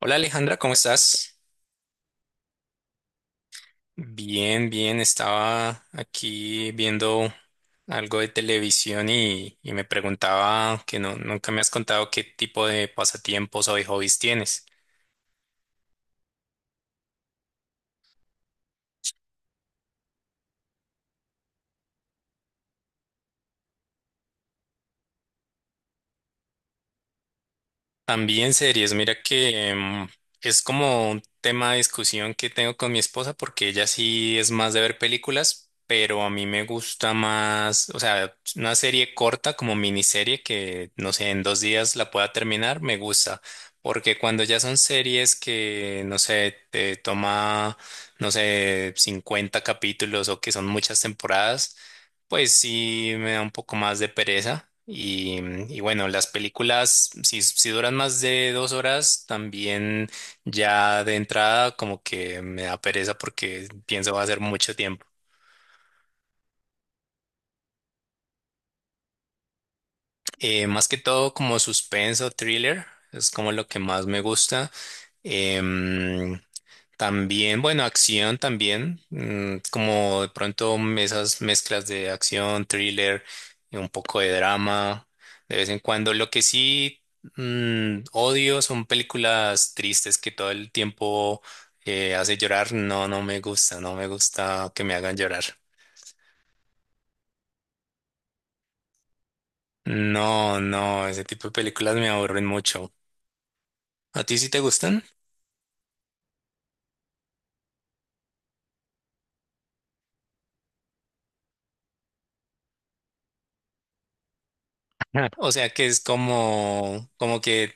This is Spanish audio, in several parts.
Hola Alejandra, ¿cómo estás? Bien, bien, estaba aquí viendo algo de televisión y me preguntaba que nunca me has contado qué tipo de pasatiempos o de hobbies tienes. También series, mira que es como un tema de discusión que tengo con mi esposa porque ella sí es más de ver películas, pero a mí me gusta más, o sea, una serie corta como miniserie que, no sé, en 2 días la pueda terminar, me gusta, porque cuando ya son series que, no sé, te toma, no sé, 50 capítulos o que son muchas temporadas. Pues sí, me da un poco más de pereza. Y bueno, las películas, si duran más de 2 horas, también ya de entrada como que me da pereza porque pienso va a ser mucho tiempo. Más que todo como suspenso, thriller, es como lo que más me gusta. Em, También, bueno, acción también, como de pronto esas mezclas de acción, thriller, y un poco de drama, de vez en cuando. Lo que sí odio son películas tristes que todo el tiempo hace llorar. No, no me gusta, no me gusta que me hagan llorar. No, no, ese tipo de películas me aburren mucho. ¿A ti sí te gustan? O sea que es como, como que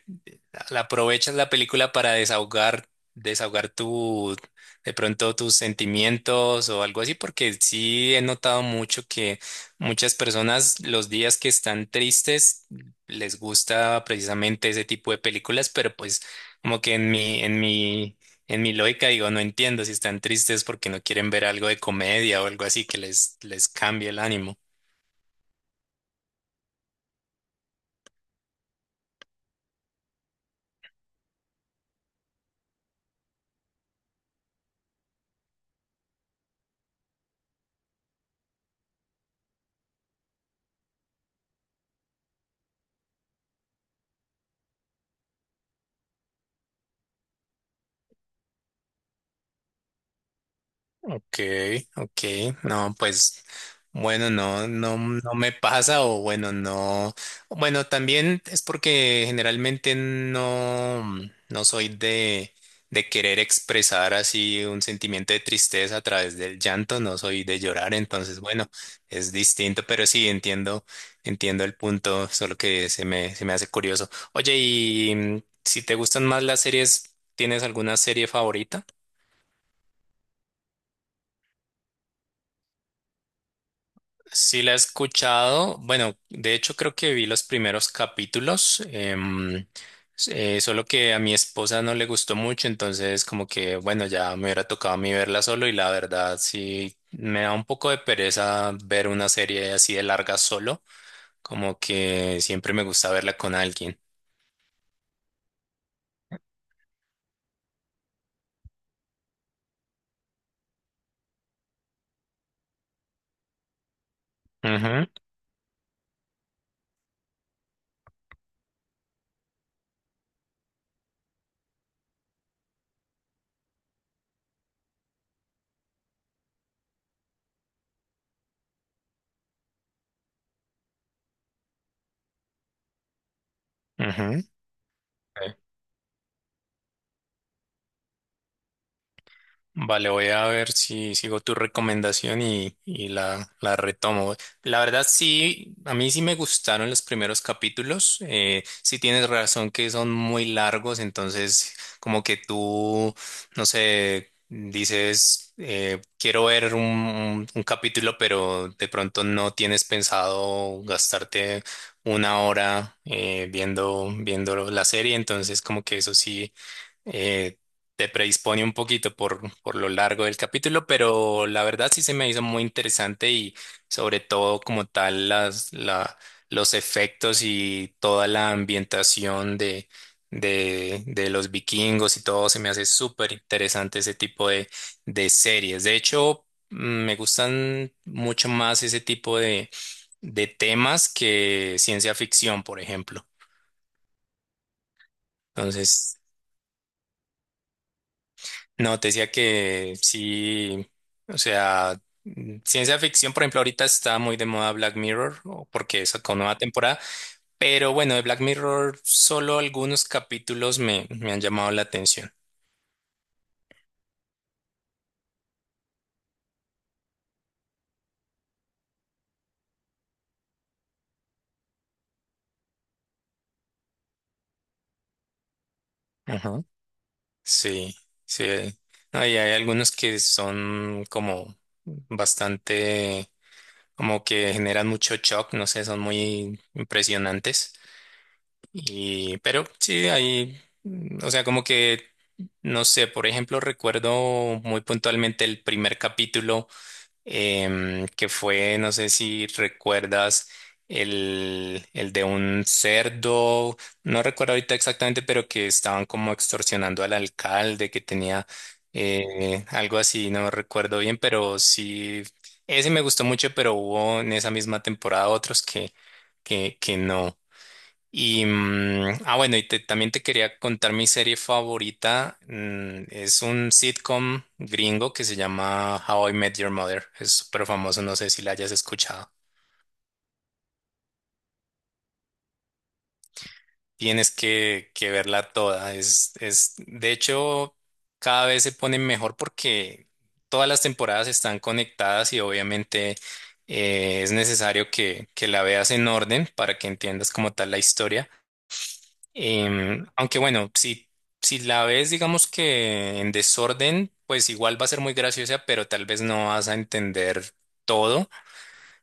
la aprovechas la película para desahogar, desahogar tu, de pronto tus sentimientos o algo así, porque sí he notado mucho que muchas personas los días que están tristes les gusta precisamente ese tipo de películas, pero pues como que en mi lógica digo, no entiendo si están tristes porque no quieren ver algo de comedia o algo así que les cambie el ánimo. Okay, okay, no, pues bueno, no, no, no me pasa o bueno, no, bueno, también es porque generalmente no, no soy de querer expresar así un sentimiento de tristeza a través del llanto, no soy de llorar, entonces bueno, es distinto, pero sí entiendo, entiendo el punto, solo que se me hace curioso. Oye, y si te gustan más las series, ¿tienes alguna serie favorita? Sí la he escuchado. Bueno, de hecho creo que vi los primeros capítulos, solo que a mi esposa no le gustó mucho, entonces como que bueno, ya me hubiera tocado a mí verla solo y la verdad sí me da un poco de pereza ver una serie así de larga solo, como que siempre me gusta verla con alguien. Ujú, ujú. Vale, voy a ver si sigo tu recomendación y la retomo. La verdad, sí, a mí sí me gustaron los primeros capítulos. Sí tienes razón que son muy largos, entonces como que tú, no sé, dices, quiero ver un capítulo, pero de pronto no tienes pensado gastarte 1 hora viendo la serie, entonces como que eso sí eh, te predispone un poquito por lo largo del capítulo, pero la verdad sí se me hizo muy interesante y sobre todo como tal los efectos y toda la ambientación de los vikingos y todo se me hace súper interesante ese tipo de series. De hecho, me gustan mucho más ese tipo de temas que ciencia ficción, por ejemplo. Entonces, no, te decía que sí, o sea, ciencia ficción, por ejemplo, ahorita está muy de moda Black Mirror, o porque sacó nueva temporada, pero bueno, de Black Mirror solo algunos capítulos me han llamado la atención. Ajá. Sí, sí. No, y hay algunos que son como bastante, como que generan mucho shock, no sé, son muy impresionantes. Y, pero sí, ahí, o sea, como que, no sé, por ejemplo, recuerdo muy puntualmente el primer capítulo, que fue, no sé si recuerdas, el de un cerdo, no recuerdo ahorita exactamente, pero que estaban como extorsionando al alcalde, que tenía algo así, no recuerdo bien, pero sí, ese me gustó mucho, pero hubo en esa misma temporada otros que no. Y, ah, bueno, y también te quería contar mi serie favorita. Es un sitcom gringo que se llama How I Met Your Mother. Es súper famoso, no sé si la hayas escuchado. Tienes que verla toda. Es, de hecho, cada vez se pone mejor porque todas las temporadas están conectadas y obviamente es necesario que la veas en orden para que entiendas como tal la historia. Aunque bueno, si la ves, digamos que en desorden, pues igual va a ser muy graciosa, pero tal vez no vas a entender todo,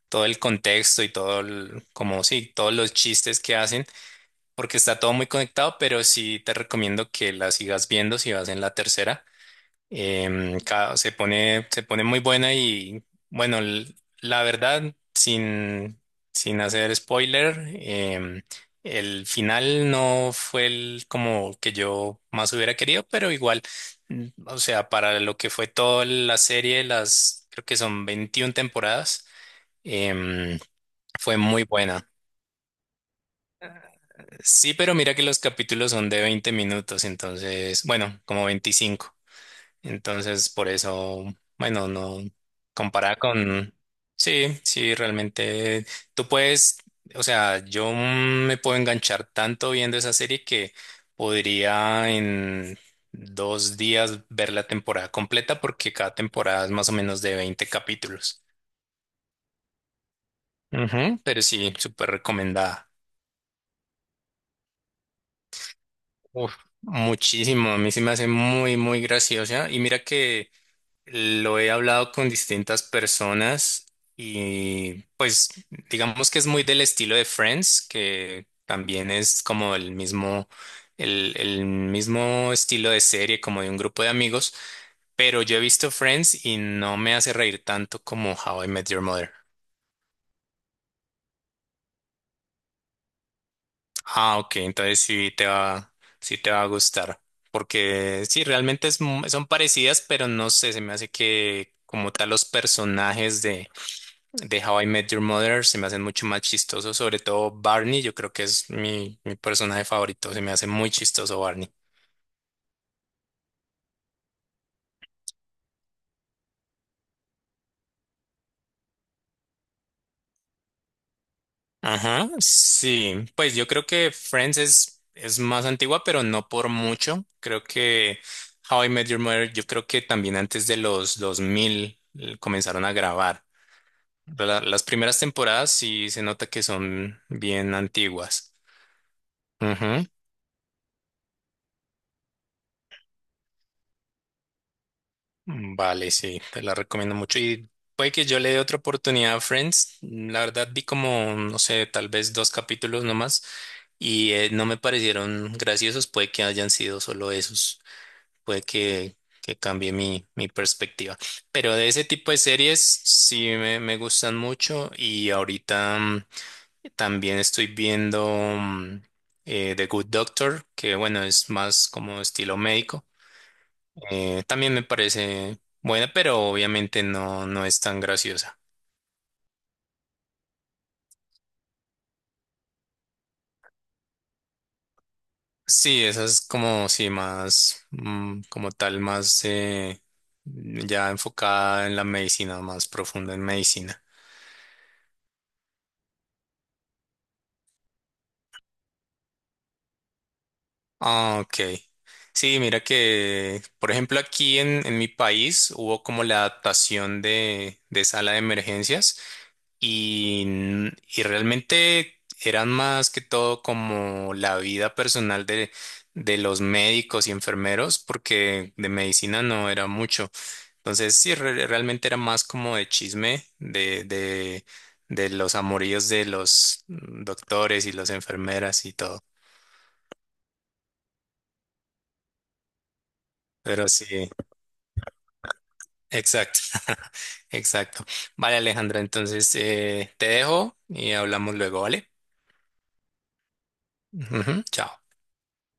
todo el contexto y como sí, todos los chistes que hacen, porque está todo muy conectado, pero sí te recomiendo que la sigas viendo si vas en la tercera. Se pone muy buena y bueno, la verdad, sin hacer spoiler, el final no fue el como que yo más hubiera querido, pero igual, o sea, para lo que fue toda la serie, las creo que son 21 temporadas, em, fue muy buena. Sí, pero mira que los capítulos son de 20 minutos, entonces, bueno, como 25. Entonces, por eso, bueno, no comparar con... Sí, sí, realmente tú puedes, o sea, yo me puedo enganchar tanto viendo esa serie que podría en 2 días ver la temporada completa porque cada temporada es más o menos de 20 capítulos. Ujú, pero sí, súper recomendada. Uf, muchísimo, a mí se me hace muy, muy graciosa. Y mira que lo he hablado con distintas personas y pues digamos que es muy del estilo de Friends, que también es como el mismo, el mismo estilo de serie, como de un grupo de amigos, pero yo he visto Friends y no me hace reír tanto como How I Met Your Mother. Ah, ok, entonces sí te va a gustar, porque sí, realmente es son parecidas, pero no sé, se me hace que como tal los personajes de How I Met Your Mother se me hacen mucho más chistosos, sobre todo Barney, yo creo que es mi personaje favorito, se me hace muy chistoso Barney. Ajá, sí, pues yo creo que Friends es más antigua, pero no por mucho. Creo que How I Met Your Mother, yo creo que también antes de los 2000 comenzaron a grabar. Las primeras temporadas sí se nota que son bien antiguas. Mm, vale, sí, te la recomiendo mucho. Y puede que yo le dé otra oportunidad a Friends. La verdad vi como, no sé, tal vez dos capítulos nomás y no me parecieron graciosos. Puede que hayan sido solo esos. Puede que cambie mi perspectiva. Pero de ese tipo de series sí me gustan mucho y ahorita también estoy viendo The Good Doctor, que bueno, es más como estilo médico también me parece buena, pero obviamente no es tan graciosa. Sí, esa es como, sí, más, como tal, más ya enfocada en la medicina, más profunda en medicina. Ah, ok. Sí, mira que, por ejemplo, aquí en mi país hubo como la adaptación de sala de emergencias. Y, y realmente eran más que todo como la vida personal de los médicos y enfermeros, porque de medicina no era mucho. Entonces, sí, realmente era más como de chisme de los amoríos de los doctores y las enfermeras y todo. Pero sí, exacto, exacto. Vale, Alejandra, entonces te dejo y hablamos luego, ¿vale? Ujú, chao.